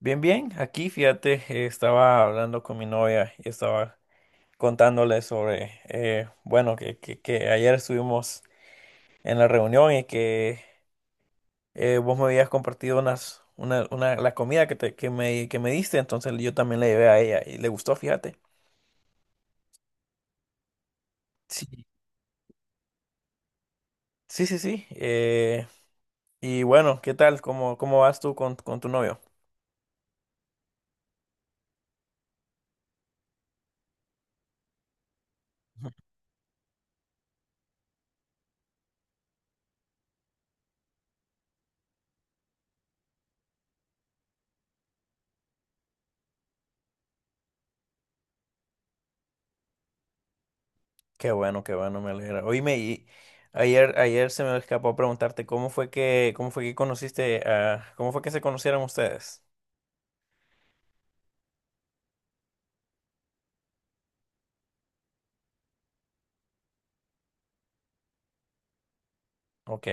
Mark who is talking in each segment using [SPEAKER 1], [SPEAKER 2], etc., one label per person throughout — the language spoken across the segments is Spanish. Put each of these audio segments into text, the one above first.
[SPEAKER 1] Bien, bien, aquí fíjate, estaba hablando con mi novia y estaba contándole sobre, bueno, que ayer estuvimos en la reunión y que vos me habías compartido una, la comida que me diste, entonces yo también la llevé a ella y le gustó, fíjate. Sí. Sí, sí, sí. Y bueno, ¿qué tal? ¿Cómo vas tú con tu novio? Qué bueno, me alegra. Oíme, y ayer se me escapó preguntarte cómo fue que conociste a, cómo fue que se conocieron ustedes. Ok,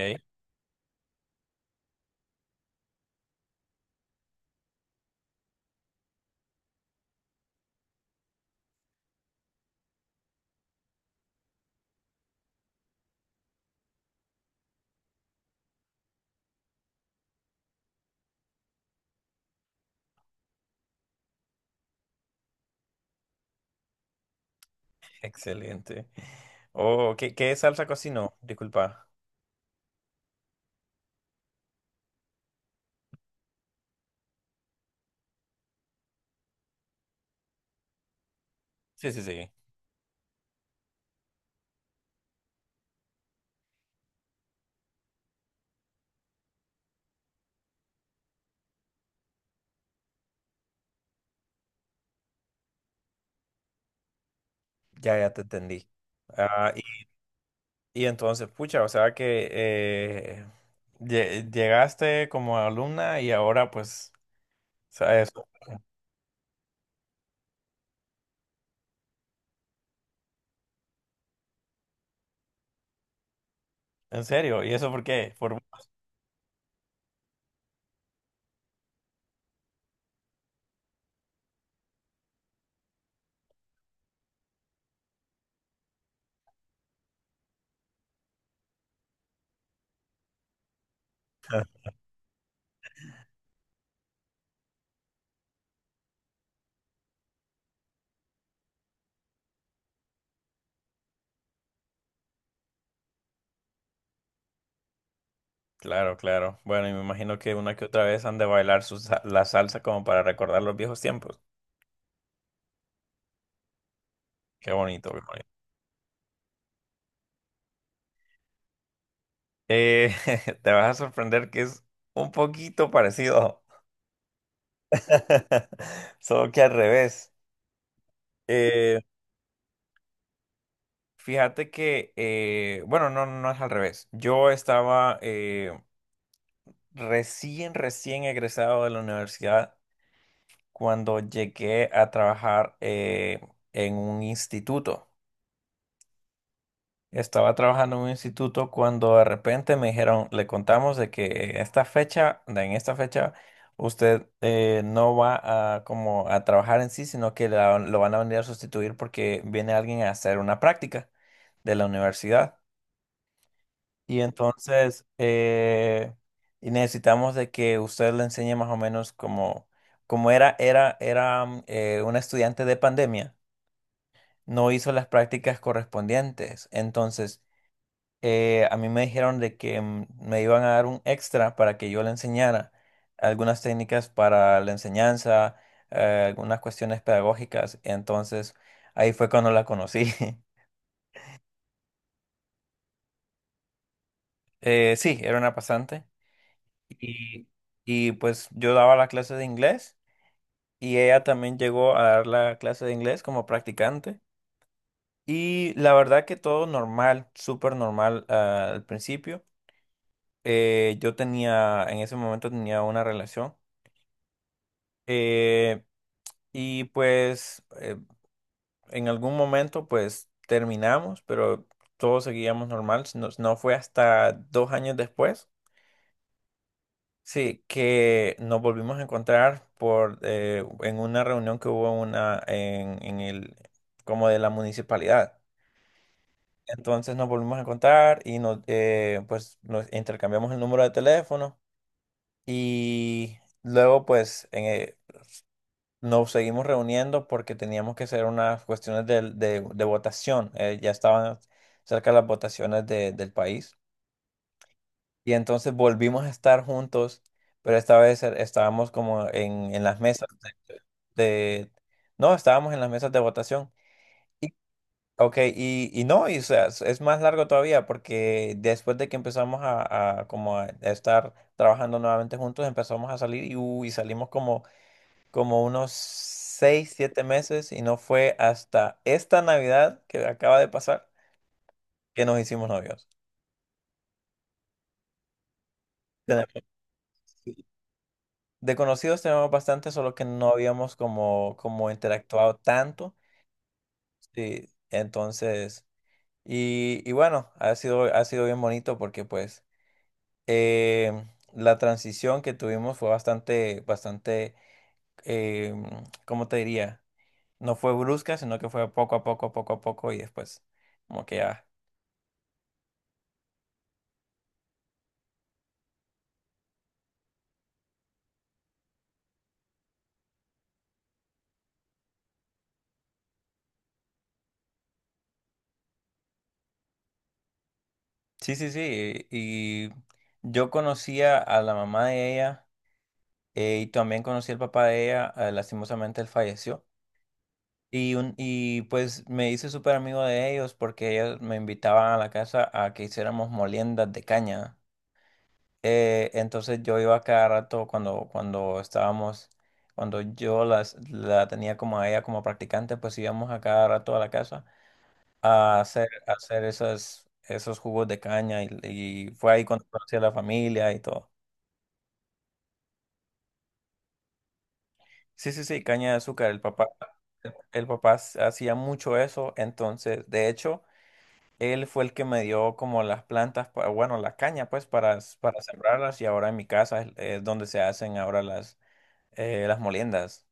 [SPEAKER 1] excelente. Oh, ¿qué, qué salsa cocinó? Disculpa. Sí, sí, sí. Ya, ya te entendí. Ah, y entonces, pucha, o sea que llegaste como alumna y ahora pues, o sea, eso, en serio, ¿y eso por qué? Claro, claro. Bueno, y me imagino que una que otra vez han de bailar la salsa como para recordar los viejos tiempos. Qué bonito, qué bonito. Eh, te vas a sorprender que es un poquito parecido, solo que al revés. Eh, fíjate que, bueno, no, no es al revés. Yo estaba recién egresado de la universidad cuando llegué a trabajar en un instituto. Estaba trabajando en un instituto cuando de repente me dijeron, le contamos de que esta fecha, de en esta fecha, usted no va a como a trabajar en sí, sino que lo van a venir a sustituir porque viene alguien a hacer una práctica de la universidad. Y entonces eh, y necesitamos de que usted le enseñe más o menos como, como era, una estudiante de pandemia, no hizo las prácticas correspondientes. Entonces a mí me dijeron de que me iban a dar un extra para que yo le enseñara algunas técnicas para la enseñanza, algunas cuestiones pedagógicas. Entonces, ahí fue cuando la conocí. Sí, era una pasante. Y, y pues yo daba la clase de inglés y ella también llegó a dar la clase de inglés como practicante. Y la verdad que todo normal, súper normal, ah, al principio. Yo tenía, en ese momento tenía una relación. Eh, Y pues eh, en algún momento pues terminamos, pero todos seguíamos normal. No, no fue hasta dos años después, sí, que nos volvimos a encontrar por en una reunión que hubo una en el como de la municipalidad. Entonces nos volvimos a encontrar y nos pues nos intercambiamos el número de teléfono y luego nos seguimos reuniendo porque teníamos que hacer unas cuestiones de votación. Ya estaban cerca las votaciones del país. Y entonces volvimos a estar juntos, pero esta vez estábamos como en las mesas de, de- no, estábamos en las mesas de votación. Y, ok, y no, y, o sea, es más largo todavía porque después de que empezamos a como a estar trabajando nuevamente juntos, empezamos a salir y, uy, salimos como unos seis, siete meses y no fue hasta esta Navidad que acaba de pasar que nos hicimos novios. Tenemos, de conocidos tenemos bastante, solo que no habíamos como, como interactuado tanto. Sí, entonces, y bueno, ha sido bien bonito porque pues eh, la transición que tuvimos fue bastante, eh, ¿cómo te diría? No fue brusca, sino que fue poco a poco y después como que ya. Sí, sí, sí. Y yo conocía a la mamá de ella y también conocí al papá de ella. Lastimosamente él falleció. Y pues me hice súper amigo de ellos porque ellos me invitaban a la casa a que hiciéramos moliendas de caña. Entonces yo iba cada rato cuando estábamos, cuando yo la tenía como a ella como practicante, pues íbamos a cada rato a la casa a hacer esos jugos de caña y fue ahí cuando conocí a la familia y todo. Sí, sí, sí, caña de azúcar. El papá hacía mucho eso, entonces, de hecho, él fue el que me dio como las plantas, bueno, la caña, pues, para, para sembrarlas y ahora en mi casa es donde se hacen ahora las moliendas.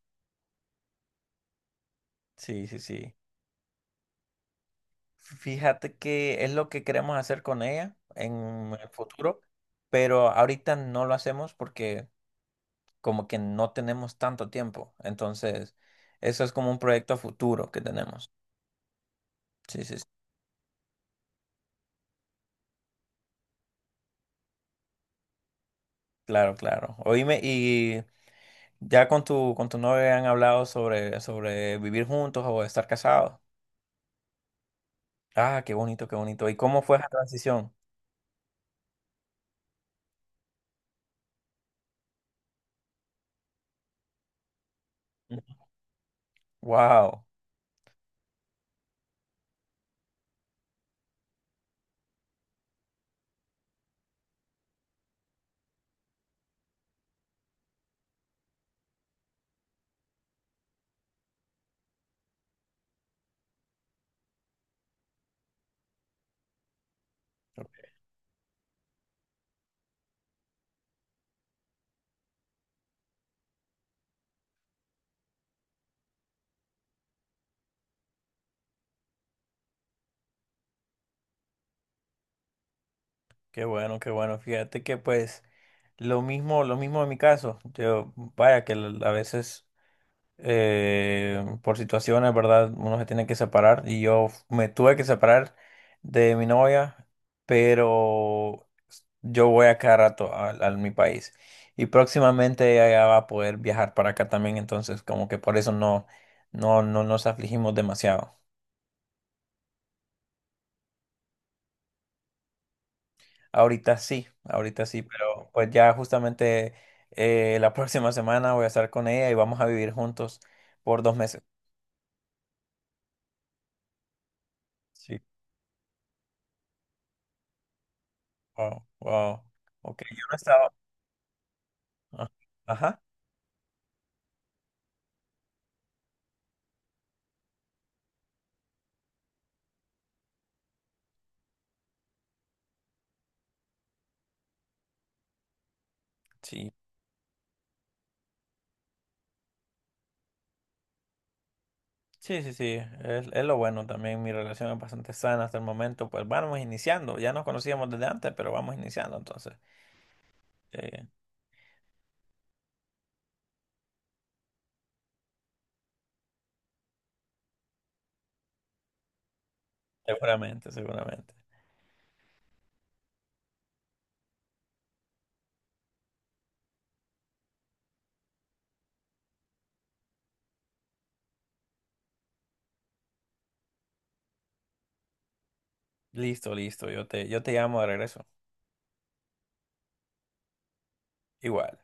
[SPEAKER 1] Sí, sí, sí. Fíjate que es lo que queremos hacer con ella en el futuro, pero ahorita no lo hacemos porque como que no tenemos tanto tiempo. Entonces, eso es como un proyecto a futuro que tenemos. Sí, sí, sí. Claro, claro. Oíme, y ya con tu novia han hablado sobre, sobre vivir juntos o estar casados. Ah, qué bonito, qué bonito. ¿Y cómo fue esa transición? Wow, qué bueno, qué bueno. Fíjate que pues lo mismo en mi caso. Yo, vaya, que a veces por situaciones, ¿verdad? Uno se tiene que separar y yo me tuve que separar de mi novia, pero yo voy a cada rato a mi país y próximamente ella va a poder viajar para acá también, entonces como que por eso no, no, no nos afligimos demasiado. Ahorita sí, pero pues ya justamente la próxima semana voy a estar con ella y vamos a vivir juntos por dos meses. Sí, wow, wow. Ok, yo no estaba. Ah, ajá, sí, sí, sí, sí, es lo bueno también, mi relación es bastante sana hasta el momento, pues vamos iniciando, ya nos conocíamos desde antes, pero vamos iniciando entonces, eh, seguramente, seguramente. Listo, listo, yo te llamo de regreso, igual.